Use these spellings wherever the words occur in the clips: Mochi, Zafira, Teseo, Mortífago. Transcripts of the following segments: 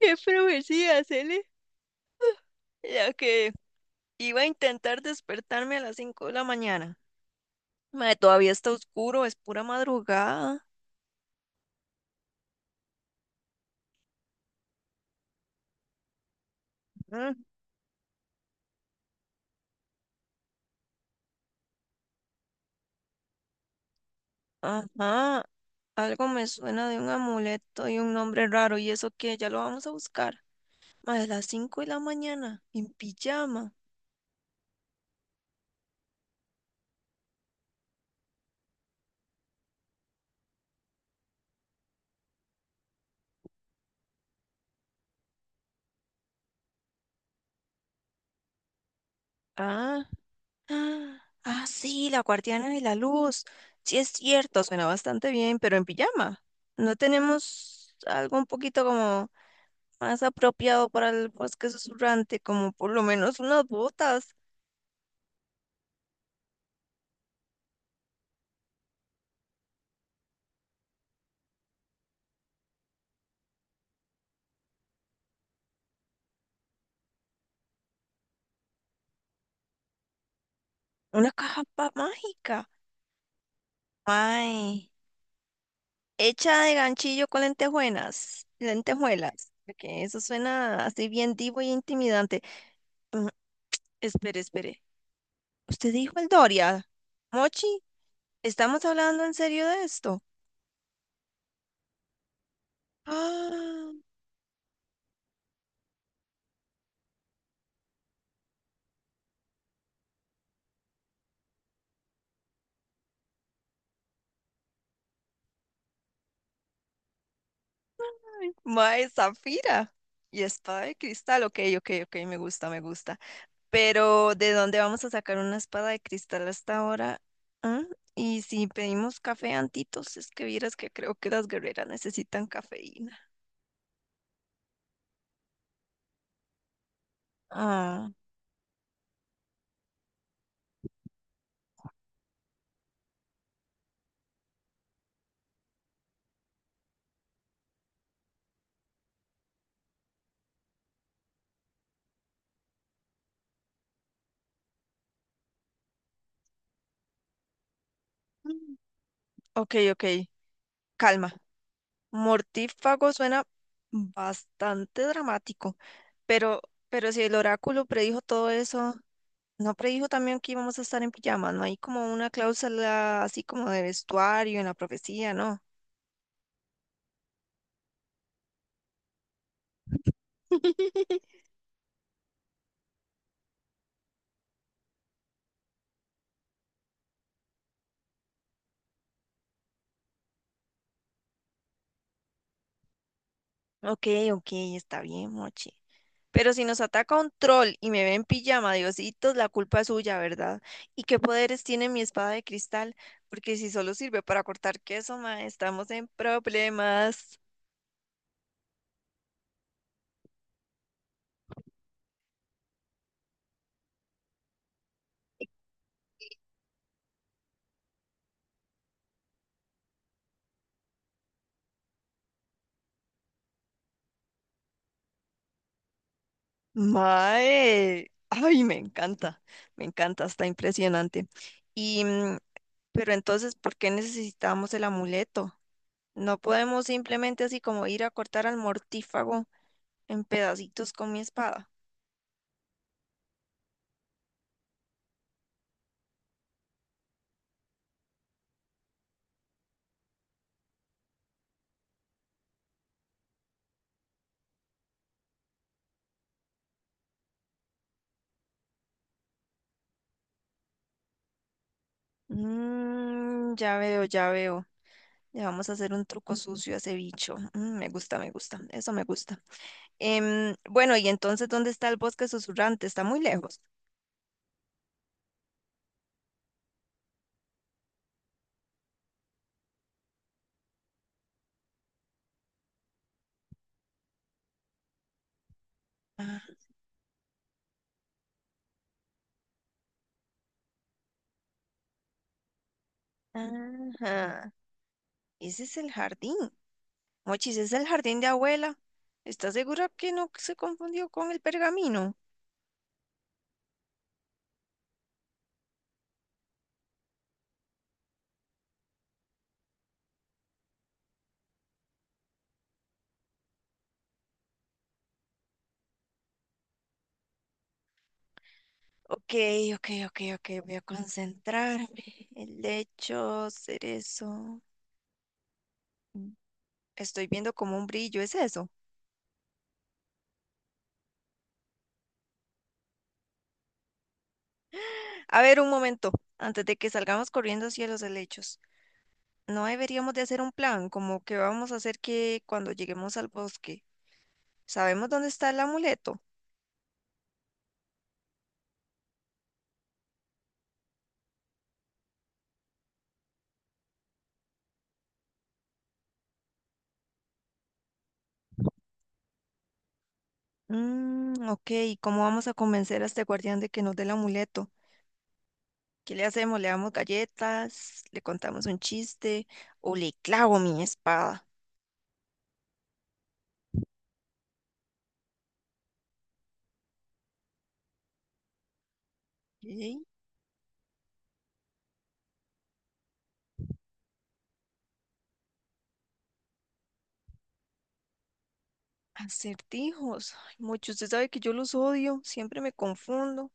¿Qué profecía, Cele? Ya que iba a intentar despertarme a las 5 de la mañana. Mae, todavía está oscuro, es pura madrugada. Mm. Ajá, algo me suena de un amuleto y un nombre raro. ¿Y eso qué? Ya lo vamos a buscar. Mae, a las 5 de la mañana, en pijama. Ah, ah, ah, sí, la guardiana de la luz. Sí, es cierto, suena bastante bien, pero en pijama. ¿No tenemos algo un poquito como más apropiado para el bosque susurrante, como por lo menos unas botas, una caja mágica? Ay, hecha de ganchillo con lentejuelas, lentejuelas, porque eso suena así bien divo y intimidante. Mm, Espere, espere. ¿Usted dijo el Doria? Mochi, ¿estamos hablando en serio de esto? ¡Ah! Mae, Zafira y espada de cristal. Ok, ok, ok, me gusta, me gusta. Pero ¿de dónde vamos a sacar una espada de cristal hasta ahora? ¿Ah? Y si pedimos café antitos, es que vieras que creo que las guerreras necesitan cafeína. Ah, mm, ok, ok, calma. Mortífago suena bastante dramático, pero, pero si el oráculo predijo todo eso, ¿no predijo también que íbamos a estar en pijama? ¿No hay como una cláusula así como de vestuario en la profecía, no? Ok, ok, está bien, Mochi. Pero si nos ataca un troll y me ve en pijama, Diositos, la culpa es suya, ¿verdad? ¿Y qué poderes tiene mi espada de cristal? Porque si solo sirve para cortar queso, mae, estamos en problemas. Mae, ay, me encanta, está impresionante. Y, pero entonces, ¿por qué necesitamos el amuleto? No podemos simplemente así como ir a cortar al mortífago en pedacitos con mi espada. Ya veo, ya veo. Le vamos a hacer un truco sucio a ese bicho. Mm, me gusta, me gusta. Eso me gusta. Bueno, y entonces, ¿dónde está el bosque susurrante? Está muy lejos. Ajá. Ese es el jardín. Mochis, es el jardín de abuela. ¿Estás segura que no se confundió con el pergamino? Ok, ok, ok, ok. Voy a concentrarme. El lecho, cerezo. Mm, Estoy viendo como un brillo. ¿Es eso? A ver, un momento. Antes de que salgamos corriendo hacia los helechos. No deberíamos de hacer un plan, como que vamos a hacer que cuando lleguemos al bosque, ¿sabemos dónde está el amuleto? Mm, ok, ¿y cómo vamos a convencer a este guardián de que nos dé el amuleto? ¿Qué le hacemos? ¿Le damos galletas? ¿Le contamos un chiste? ¿O le clavo mi espada? Ey, acertijos. Ay, mucho, usted sabe que yo los odio, siempre me confundo.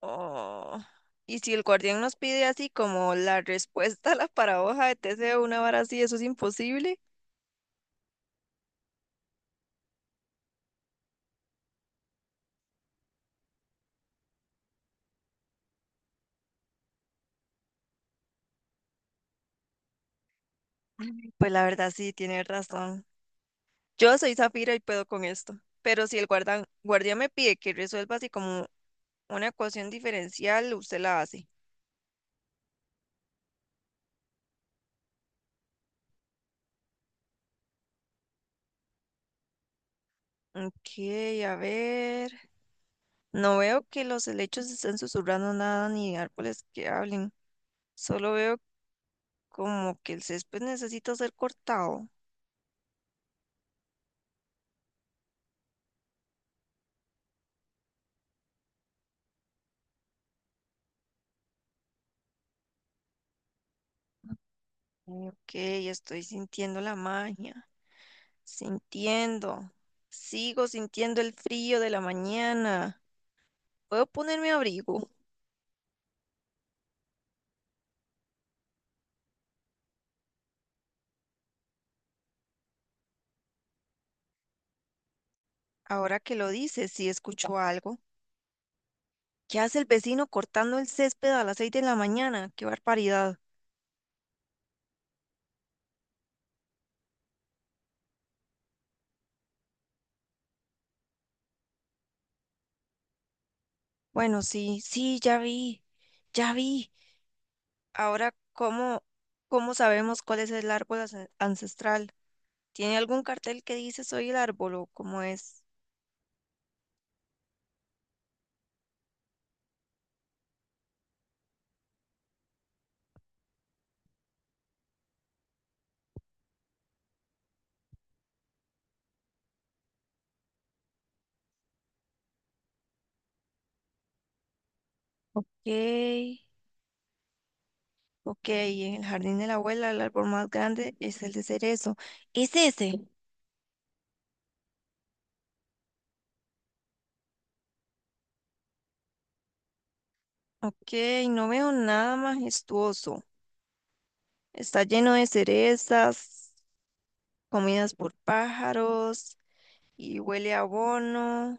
Oh. Y si el guardián nos pide así como la respuesta a la paradoja de Teseo, una vara así, eso es imposible. Pues la verdad sí, tiene razón. Yo soy Zafira y puedo con esto, pero si el guardia me pide que resuelva así como una ecuación diferencial, usted la hace. Ok, a ver. No veo que los helechos estén susurrando nada ni árboles que hablen. Solo veo como que el césped necesita ser cortado. Ok, estoy sintiendo la magia. Sintiendo. Sigo sintiendo el frío de la mañana. ¿Puedo ponerme abrigo? Ahora que lo dices, sí escucho algo. ¿Qué hace el vecino cortando el césped a las 6 de la mañana? ¡Qué barbaridad! Bueno, sí, sí, ya vi, ya vi. Ahora, ¿cómo, cómo sabemos cuál es el árbol ancestral? ¿Tiene algún cartel que dice soy el árbol o cómo es? Ok, ok, en el jardín de la abuela el árbol más grande es el de cerezo. ¿Es ese? Ok, no veo nada majestuoso. Está lleno de cerezas, comidas por pájaros y huele a abono.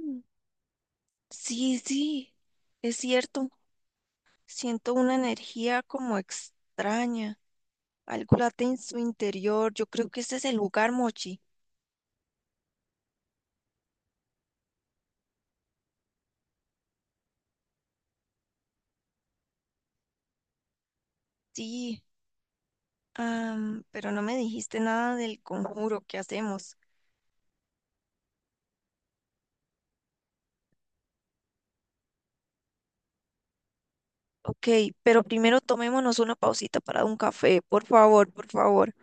Mm, sí, sí, es cierto. Siento una energía como extraña, algo late en su interior. Yo creo que ese es el lugar, Mochi. Sí, pero no me dijiste nada del conjuro que hacemos. Ok, pero primero tomémonos una pausita para un café, por favor, por favor.